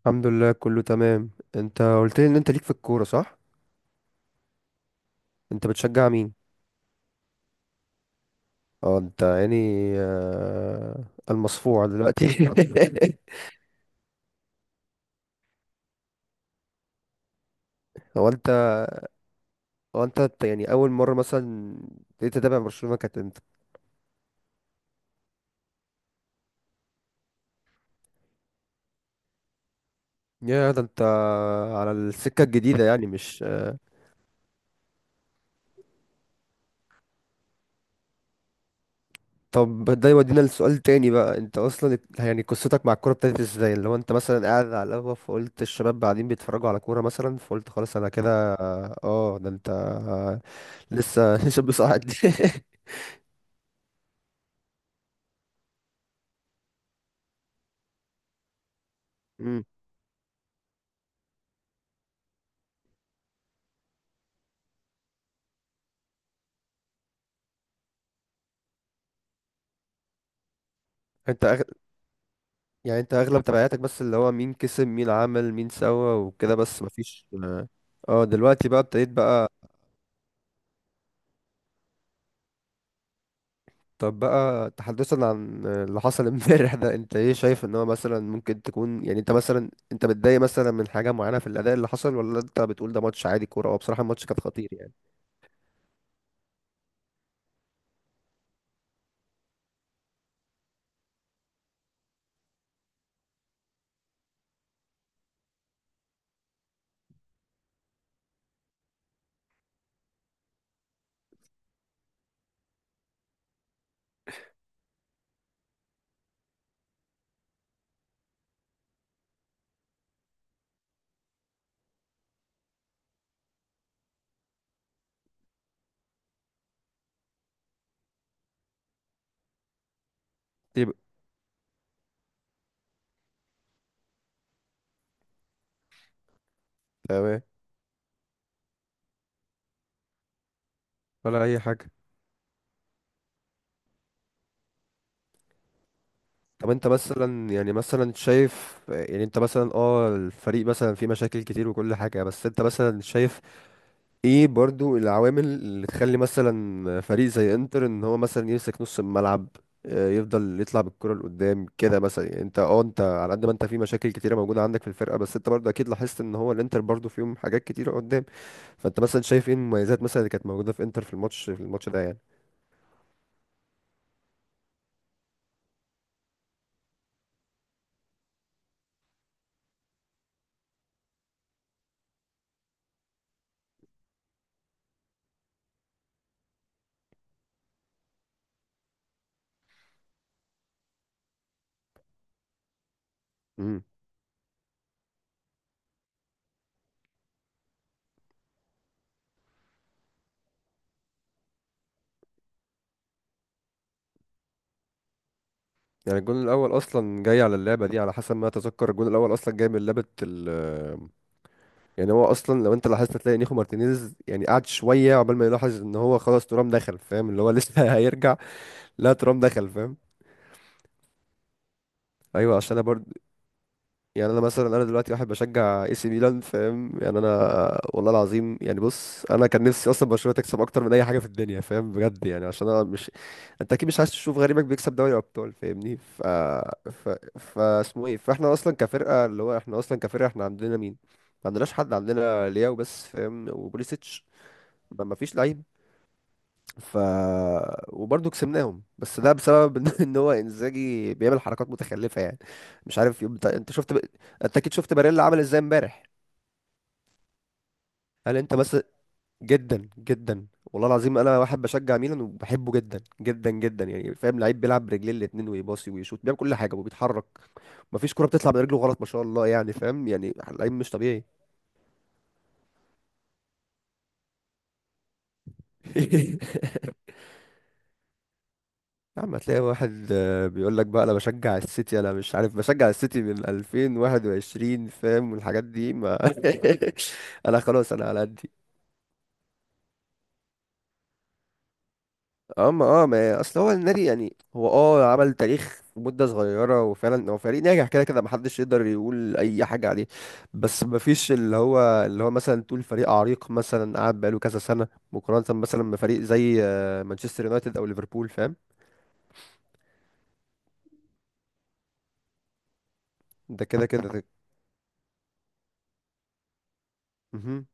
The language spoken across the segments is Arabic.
الحمد لله، كله تمام. انت قلت لي ان انت ليك في الكورة، صح؟ انت بتشجع مين؟ اه، انت يعني آه، المصفوع دلوقتي هو انت هو انت يعني اول مرة مثلا ابتديت تتابع برشلونة كانت امتى؟ يا ده انت، على السكة الجديدة يعني مش... طب ده يودينا لسؤال تاني بقى. انت اصلا يعني قصتك مع الكوره ابتدت ازاي؟ اللي هو انت مثلا قاعد على القهوه فقلت الشباب قاعدين بيتفرجوا على كوره مثلا، فقلت خلاص انا كده. اه، ده انت لسه شاب صاعد مم. انت أغ... يعني انت اغلب تبعاتك، بس اللي هو مين كسب، مين عمل، مين سوى، وكده بس مفيش. اه، دلوقتي بقى ابتديت بقى. طب بقى تحدثا عن اللي حصل امبارح ده، انت ايه شايف؟ ان هو مثلا ممكن تكون يعني، انت مثلا انت متضايق مثلا من حاجة معينة في الأداء اللي حصل، ولا انت بتقول ده ماتش عادي؟ كورة هو بصراحة الماتش كان خطير يعني. طيب. تمام. ولا أي حاجة. طب انت مثلا يعني مثلا شايف، يعني انت مثلا اه الفريق مثلا فيه مشاكل كتير وكل حاجة، بس انت مثلا شايف ايه برضو العوامل اللي تخلي مثلا فريق زي انتر ان هو مثلا يمسك نص الملعب، يفضل يطلع بالكرة لقدام كده مثلا؟ يعني انت، اه، انت على قد ما انت في مشاكل كتيرة موجودة عندك في الفرقة، بس انت برضو اكيد لاحظت ان هو الانتر برضو فيهم حاجات كتيرة قدام. فانت مثلا شايف ايه المميزات مثلا اللي كانت موجودة في انتر في الماتش، في الماتش ده يعني؟ امم. يعني الجون الاول اصلا جاي على اللعبة دي، على حسب ما اتذكر الجون الاول اصلا جاي من لعبة. يعني هو اصلا لو انت لاحظت هتلاقي نيخو مارتينيز يعني قعد شويه عقبال ما يلاحظ ان هو خلاص ترام دخل، فاهم؟ اللي هو لسه هيرجع. لا، ترام دخل، فاهم. ايوه، عشان انا برضه، يعني انا مثلا انا دلوقتي واحد بشجع اي سي ميلان، فاهم يعني؟ انا والله العظيم يعني بص، انا كان نفسي اصلا برشلونه تكسب اكتر من اي حاجه في الدنيا، فاهم بجد يعني؟ عشان انا مش... انت اكيد مش عايز تشوف غريمك بيكسب دوري ابطال، فاهمني؟ ف ف فا اسمه ايه، فاحنا اصلا كفرقه، اللي هو احنا اصلا كفرقه احنا عندنا مين؟ ما عندناش حد. عندنا لياو بس، فاهم، وبوليسيتش. ما فيش لعيب. ف وبرضه كسبناهم، بس ده بسبب ان هو انزاجي بيعمل حركات متخلفه يعني. مش عارف انت اكيد شفت باريلا عمل ازاي امبارح؟ هل انت بس... جدا جدا، والله العظيم انا واحد بشجع ميلان وبحبه جدا جدا جدا يعني، فاهم؟ لعيب بيلعب برجليه الاتنين ويباصي ويشوط، بيعمل كل حاجه وبيتحرك. مفيش كرة بتطلع من رجله غلط، ما شاء الله يعني، فاهم يعني. لعيب مش طبيعي. يا عم، هتلاقي واحد بيقول لك بقى انا بشجع السيتي، انا مش عارف بشجع السيتي من 2021، فاهم؟ والحاجات دي ما انا خلاص، انا على قدي. اما، اه، ما اصل هو النادي يعني، هو، اه، عمل تاريخ في مدة صغيرة، وفعلا هو فريق ناجح، كده كده محدش يقدر يقول اي حاجة عليه. بس مفيش اللي هو، اللي هو مثلا تقول فريق عريق مثلا قعد بقاله كذا سنة، مقارنة مثلا بفريق زي مانشستر يونايتد او ليفربول، فاهم؟ ده كده كده مهم.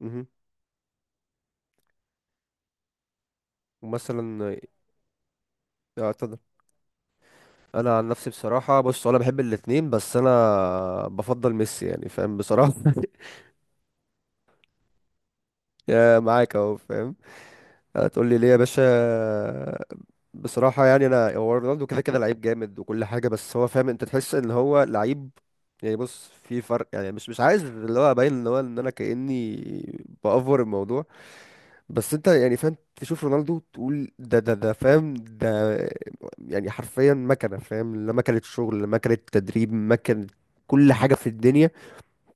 مهم. ومثلا... اه، اتفضل. انا عن نفسي بصراحه بص، انا بحب الاتنين، بس انا بفضل ميسي يعني، فاهم، بصراحه يا معاك اهو، فاهم. هتقول لي ليه يا باشا؟ بصراحه يعني، انا، هو رونالدو كده كده لعيب جامد وكل حاجه، بس هو، فاهم، انت تحس ان هو لعيب. يعني بص، في فرق يعني، مش عايز اللي هو ابين ان هو ان انا كاني بافور الموضوع. بس انت يعني فاهم، تشوف رونالدو تقول ده ده ده، فاهم ده؟ يعني حرفيا مكنه، فاهم، لا مكنه شغل، لا مكنه تدريب، مكنه كل حاجه في الدنيا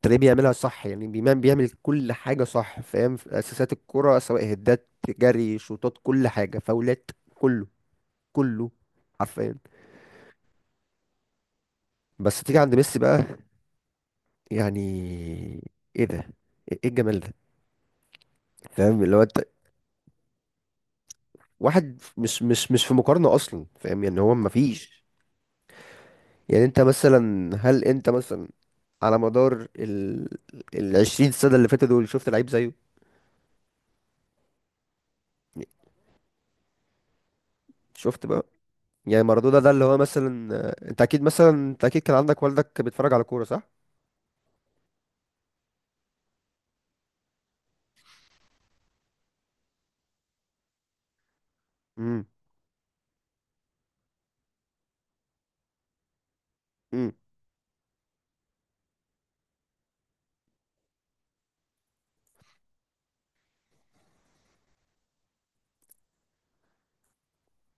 تلاقيه بيعملها صح يعني. بيعمل كل حاجه صح، فاهم؟ في اساسات الكره، سواء هدات، جري، شوطات، كل حاجه، فاولات، كله كله حرفيا. بس تيجي عند ميسي بقى، يعني ايه ده؟ ايه إيه الجمال ده؟ فاهم اللي هو انت، واحد مش في مقارنه اصلا، فاهم يعني، هو مفيش. يعني انت مثلا، هل انت مثلا على مدار 20 سنة اللي فاتوا دول شفت لعيب زيه؟ شفت بقى. يعني مارادونا ده اللي هو مثلا انت اكيد مثلا، انت اكيد كان عندك والدك بيتفرج على كورة، صح؟ امم. امم.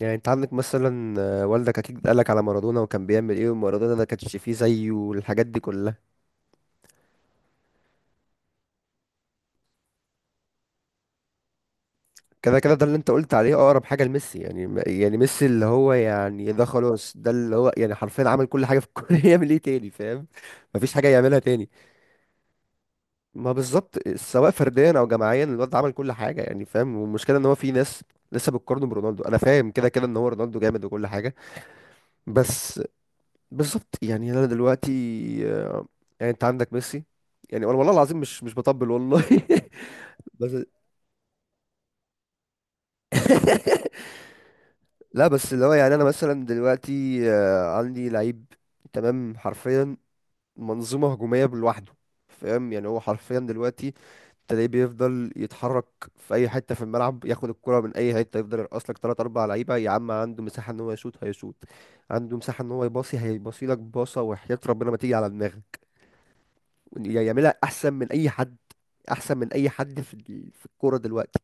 يعني انت عندك مثلا والدك اكيد قالك على مارادونا وكان بيعمل ايه، ومارادونا ده كانش فيه زيه، والحاجات دي كلها. كده كده ده اللي انت قلت عليه اقرب حاجة لميسي، يعني يعني ميسي اللي هو يعني ده خلاص، ده اللي هو يعني حرفيا عمل كل حاجة في الكورة يعمل ايه تاني، فاهم؟ مفيش حاجة يعملها تاني. ما بالظبط، سواء فرديا او جماعيا، الواد عمل كل حاجه يعني، فاهم. والمشكله ان هو في ناس لسه بتقارنه برونالدو. انا فاهم كده كده ان هو رونالدو جامد وكل حاجه، بس. بالظبط يعني، انا دلوقتي آه، يعني انت عندك ميسي، يعني والله العظيم، مش بطبل والله بس... لا بس اللي هو يعني انا مثلا دلوقتي عندي لعيب، تمام، حرفيا منظومة هجومية لوحده، فاهم يعني؟ هو حرفيا دلوقتي تلاقيه بيفضل يتحرك في اي حته في الملعب، ياخد الكره من اي حته، يفضل يرقص لك ثلاث اربع لعيبه، يا عم! عنده مساحه ان هو يشوط، هيشوط. عنده مساحه ان هو يباصي، هيباصي لك باصه وحياه ربنا ما تيجي على دماغك. يعملها احسن من اي حد، احسن من اي حد في في الكوره دلوقتي،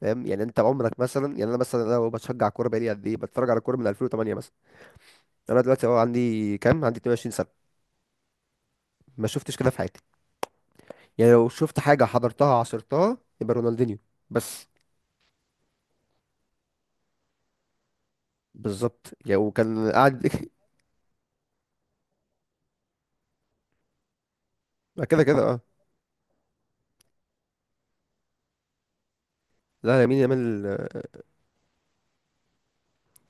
فاهم؟ يعني انت عمرك مثلا، يعني انا مثلا انا بشجع كوره بقالي قد ايه، بتفرج على كوره من 2008 مثلا. انا دلوقتي اهو عندي كام؟ عندي 22 سنه. ما شفتش كده في حياتي. يعني لو شفت حاجة حضرتها عصرتها يبقى رونالدينيو، بس. بالظبط يعني، وكان قاعد ما كده كده، اه. لا، يمين يامال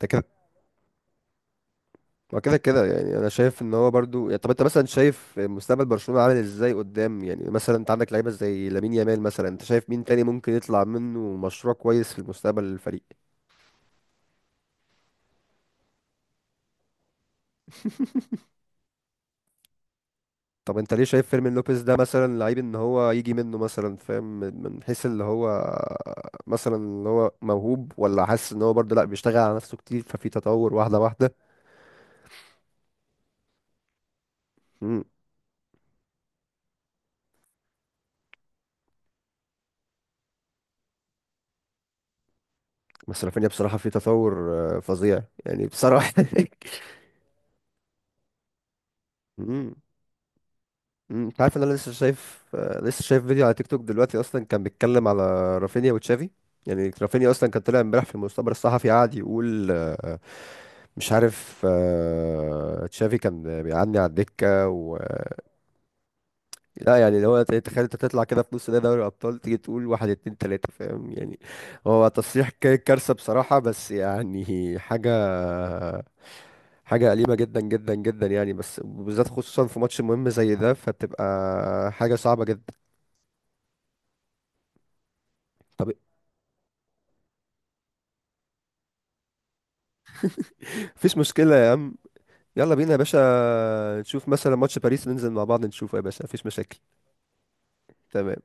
ده كده، ما كده كده. يعني انا شايف ان هو برضو يعني. طب انت مثلا شايف مستقبل برشلونة عامل ازاي قدام يعني؟ مثلا انت عندك لعيبه زي لامين يامال، مثلا انت شايف مين تاني ممكن يطلع منه مشروع كويس في المستقبل للفريق؟ طب انت ليه شايف فيرمين لوبيز ده مثلا لعيب ان هو يجي منه مثلا، فاهم؟ من حيث اللي هو مثلا اللي هو موهوب، ولا حاسس ان هو برضه لا بيشتغل على نفسه كتير ففي تطور واحده واحده؟ امم. بس رافينيا بصراحه في تطور فظيع يعني، بصراحه امم. مم، انت عارف ان انا لسه شايف لسه شايف فيديو على تيك توك دلوقتي اصلا كان بيتكلم على رافينيا وتشافي. يعني رافينيا اصلا كان طلع امبارح في المؤتمر الصحفي قاعد يقول مش عارف، تشافي كان بيعدي على الدكة. لا يعني، لو تخيل انت تطلع كده في نص ده دوري الابطال تيجي تقول واحد، اتنين، تلاته، فاهم يعني؟ هو تصريح كارثه بصراحه، بس يعني حاجه، حاجه أليمه جدا جدا جدا يعني، بس بالذات خصوصا في ماتش مهم زي ده، فتبقى حاجه صعبه جدا. طب مفيش مشكله يا عم. يلا بينا يا باشا، نشوف مثلا ماتش باريس، ننزل مع بعض نشوفه يا باشا، مفيش مشاكل. تمام.